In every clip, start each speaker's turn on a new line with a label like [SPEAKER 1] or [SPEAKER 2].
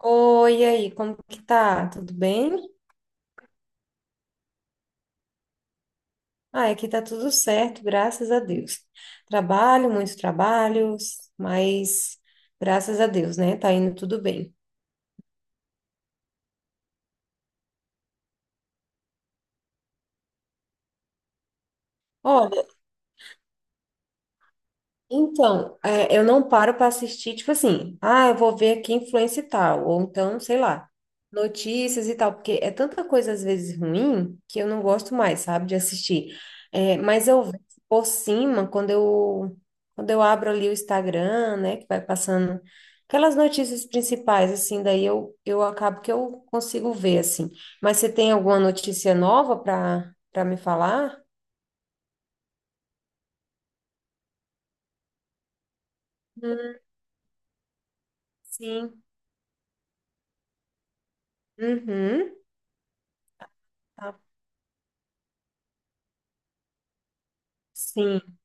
[SPEAKER 1] Oi, e aí, como que tá? Tudo bem? Ah, aqui tá tudo certo, graças a Deus. Trabalho, muitos trabalhos, mas graças a Deus, né? Tá indo tudo bem. Então, eu não paro para assistir, tipo assim, ah, eu vou ver aqui influência e tal, ou então, sei lá, notícias e tal, porque é tanta coisa às vezes ruim que eu não gosto mais, sabe, de assistir. É, mas eu vejo por cima, quando eu abro ali o Instagram, né, que vai passando aquelas notícias principais, assim, daí eu acabo que eu consigo ver, assim. Mas você tem alguma notícia nova para me falar? Hum, sim. Uhum. Tá. Sim.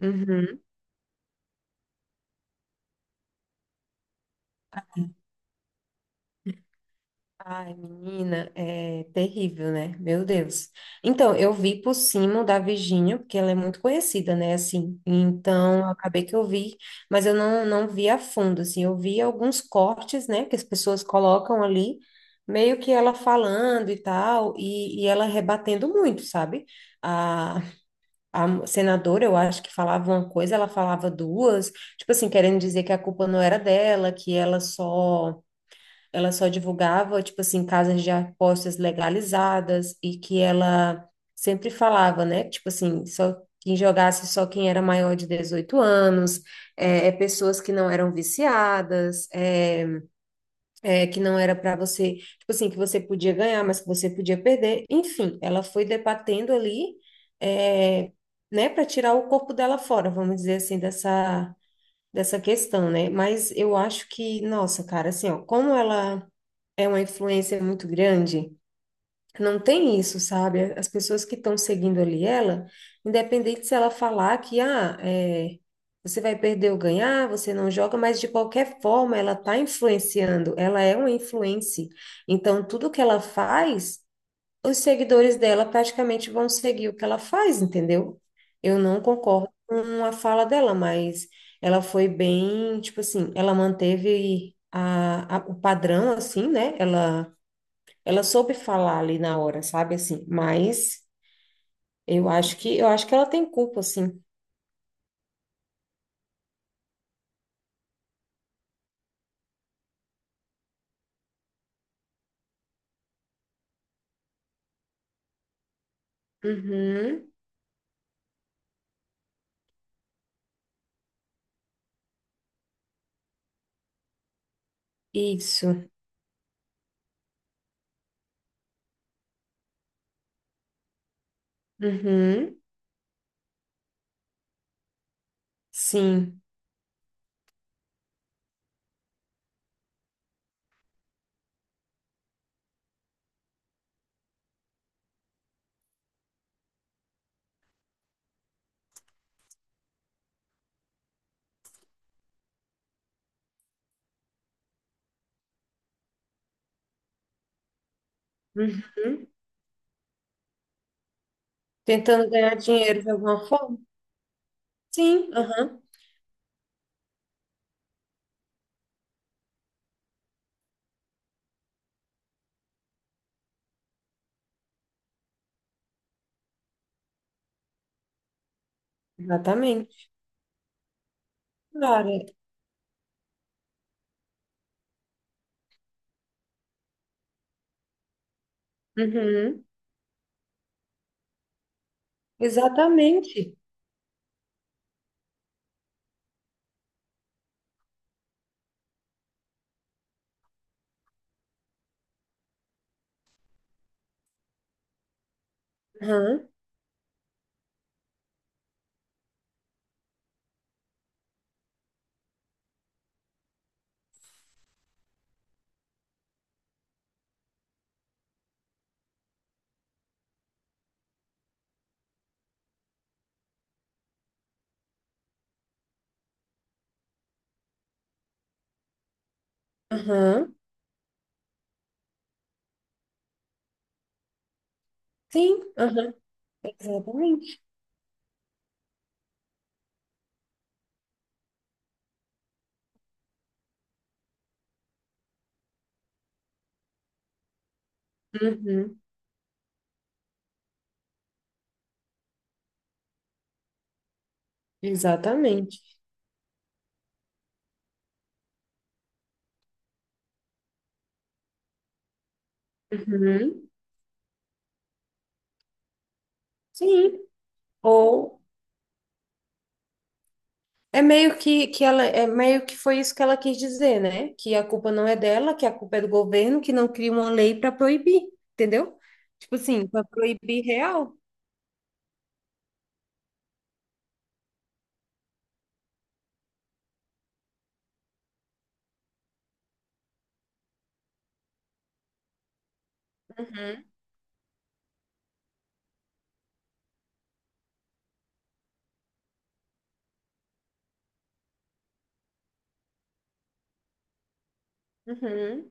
[SPEAKER 1] Uhum. Ai, menina, é terrível, né? Meu Deus. Então, eu vi por cima da Virgínia, porque ela é muito conhecida, né? Assim, então acabei que eu vi, mas eu não vi a fundo, assim, eu vi alguns cortes, né? Que as pessoas colocam ali, meio que ela falando e tal, e ela rebatendo muito, sabe? A, a senadora, eu acho que falava uma coisa, ela falava duas, tipo assim, querendo dizer que a culpa não era dela, que ela só ela só divulgava, tipo assim, casas de apostas legalizadas e que ela sempre falava, né? Tipo assim, só quem jogasse só quem era maior de 18 anos, é pessoas que não eram viciadas, que não era para você, tipo assim, que você podia ganhar, mas que você podia perder. Enfim, ela foi debatendo ali, é, né, para tirar o corpo dela fora, vamos dizer assim, dessa questão, né? Mas eu acho que, nossa, cara, assim, ó, como ela é uma influência muito grande, não tem isso, sabe? As pessoas que estão seguindo ali ela, independente se ela falar que, ah, é, você vai perder ou ganhar, você não joga, mas de qualquer forma ela tá influenciando, ela é uma influência. Então, tudo que ela faz os seguidores dela praticamente vão seguir o que ela faz, entendeu? Eu não concordo com a fala dela, mas ela foi bem, tipo assim, ela manteve o padrão, assim, né? Ela soube falar ali na hora, sabe, assim, mas eu acho que ela tem culpa, assim. Uhum, isso, uhum, sim, uhum. Tentando ganhar dinheiro de alguma forma? Sim, aham, exatamente. Claro. Uhum. Exatamente. Aham, aham. Sim, aham, exatamente. Uhum, exatamente. Uhum, sim. Ou é meio que ela é meio que foi isso que ela quis dizer, né? Que a culpa não é dela, que a culpa é do governo, que não cria uma lei para proibir, entendeu? Tipo assim, para proibir real. Uhum, uhum,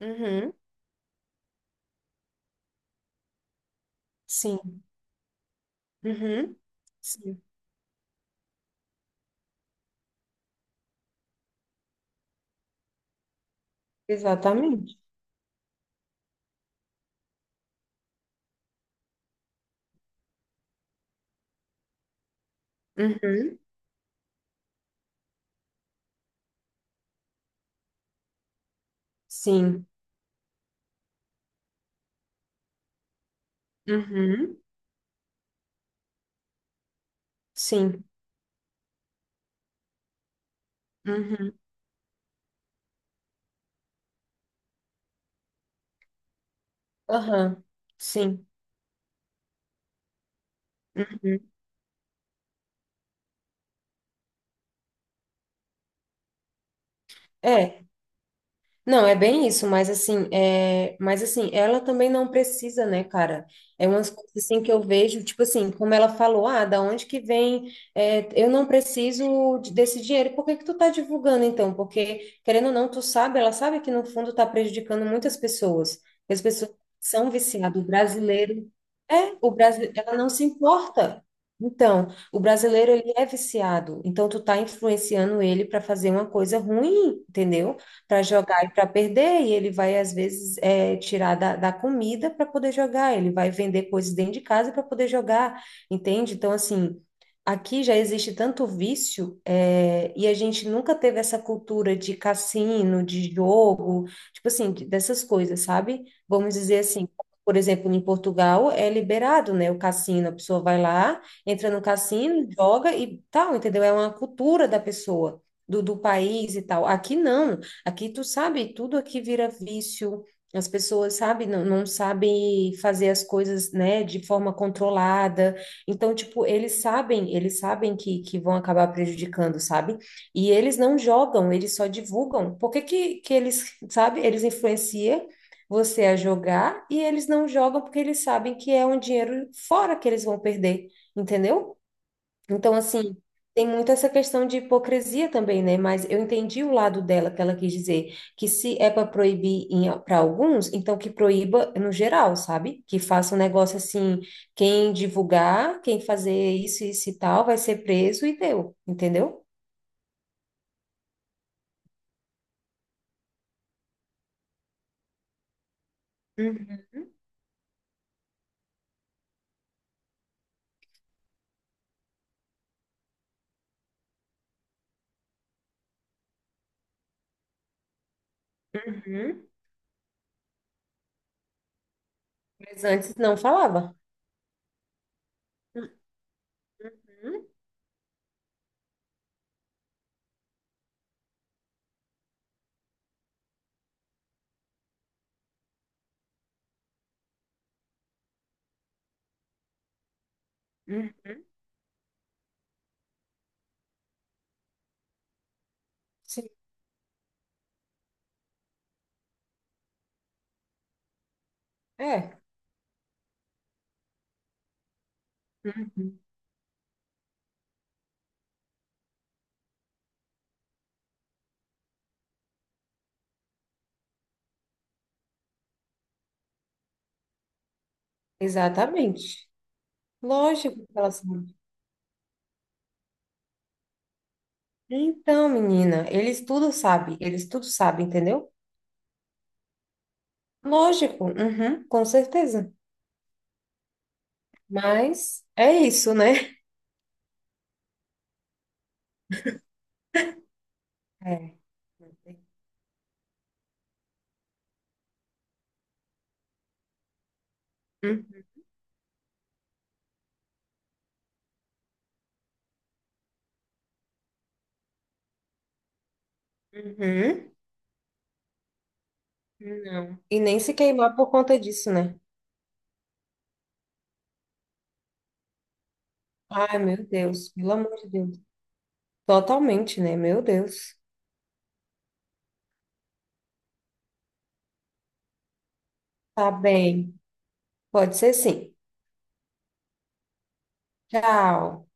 [SPEAKER 1] uhum. Sim. Uhum. Sim. Exatamente. Uhum. Sim. Uhum. Sim. Uhum. Aham. Sim. Uhum. É. Não, é bem isso, mas assim, mas assim, ela também não precisa, né, cara? É umas coisas assim que eu vejo, tipo assim, como ela falou, ah, da onde que vem? É, eu não preciso desse dinheiro. Por que que tu tá divulgando então? Porque querendo ou não, tu sabe, ela sabe que no fundo tá prejudicando muitas pessoas. As pessoas são viciadas. O brasileiro, ela não se importa. Então, o brasileiro ele é viciado. Então, tu tá influenciando ele para fazer uma coisa ruim, entendeu? Para jogar e para perder, e ele vai, às vezes, é, tirar da comida para poder jogar, ele vai vender coisas dentro de casa para poder jogar, entende? Então, assim, aqui já existe tanto vício, é, e a gente nunca teve essa cultura de cassino, de jogo, tipo assim, dessas coisas, sabe? Vamos dizer assim. Por exemplo, em Portugal é liberado, né? O cassino, a pessoa vai lá, entra no cassino, joga e tal, entendeu? É uma cultura da pessoa, do país e tal. Aqui não. Aqui tu sabe, tudo aqui vira vício. As pessoas, sabe, não sabem fazer as coisas, né, de forma controlada. Então, tipo, eles sabem que vão acabar prejudicando, sabe? E eles não jogam, eles só divulgam. Por que que eles, sabe, eles influenciam você a jogar e eles não jogam porque eles sabem que é um dinheiro fora que eles vão perder, entendeu? Então, assim, tem muito essa questão de hipocrisia também, né? Mas eu entendi o lado dela, que ela quis dizer que se é para proibir para alguns, então que proíba no geral, sabe? Que faça um negócio assim, quem divulgar, quem fazer isso, isso e tal, vai ser preso e deu, entendeu? Uhum. Mas antes não falava. Uhum. Uhum. Sim, é. Uhum. Exatamente. Lógico que ela sabe. Então, menina, eles tudo sabem, entendeu? Lógico, uhum, com certeza. Mas é isso, né? É. Uhum. Uhum. Não. E nem se queimar por conta disso, né? Ai, meu Deus, pelo amor de Deus. Totalmente, né? Meu Deus. Tá bem. Pode ser sim. Tchau.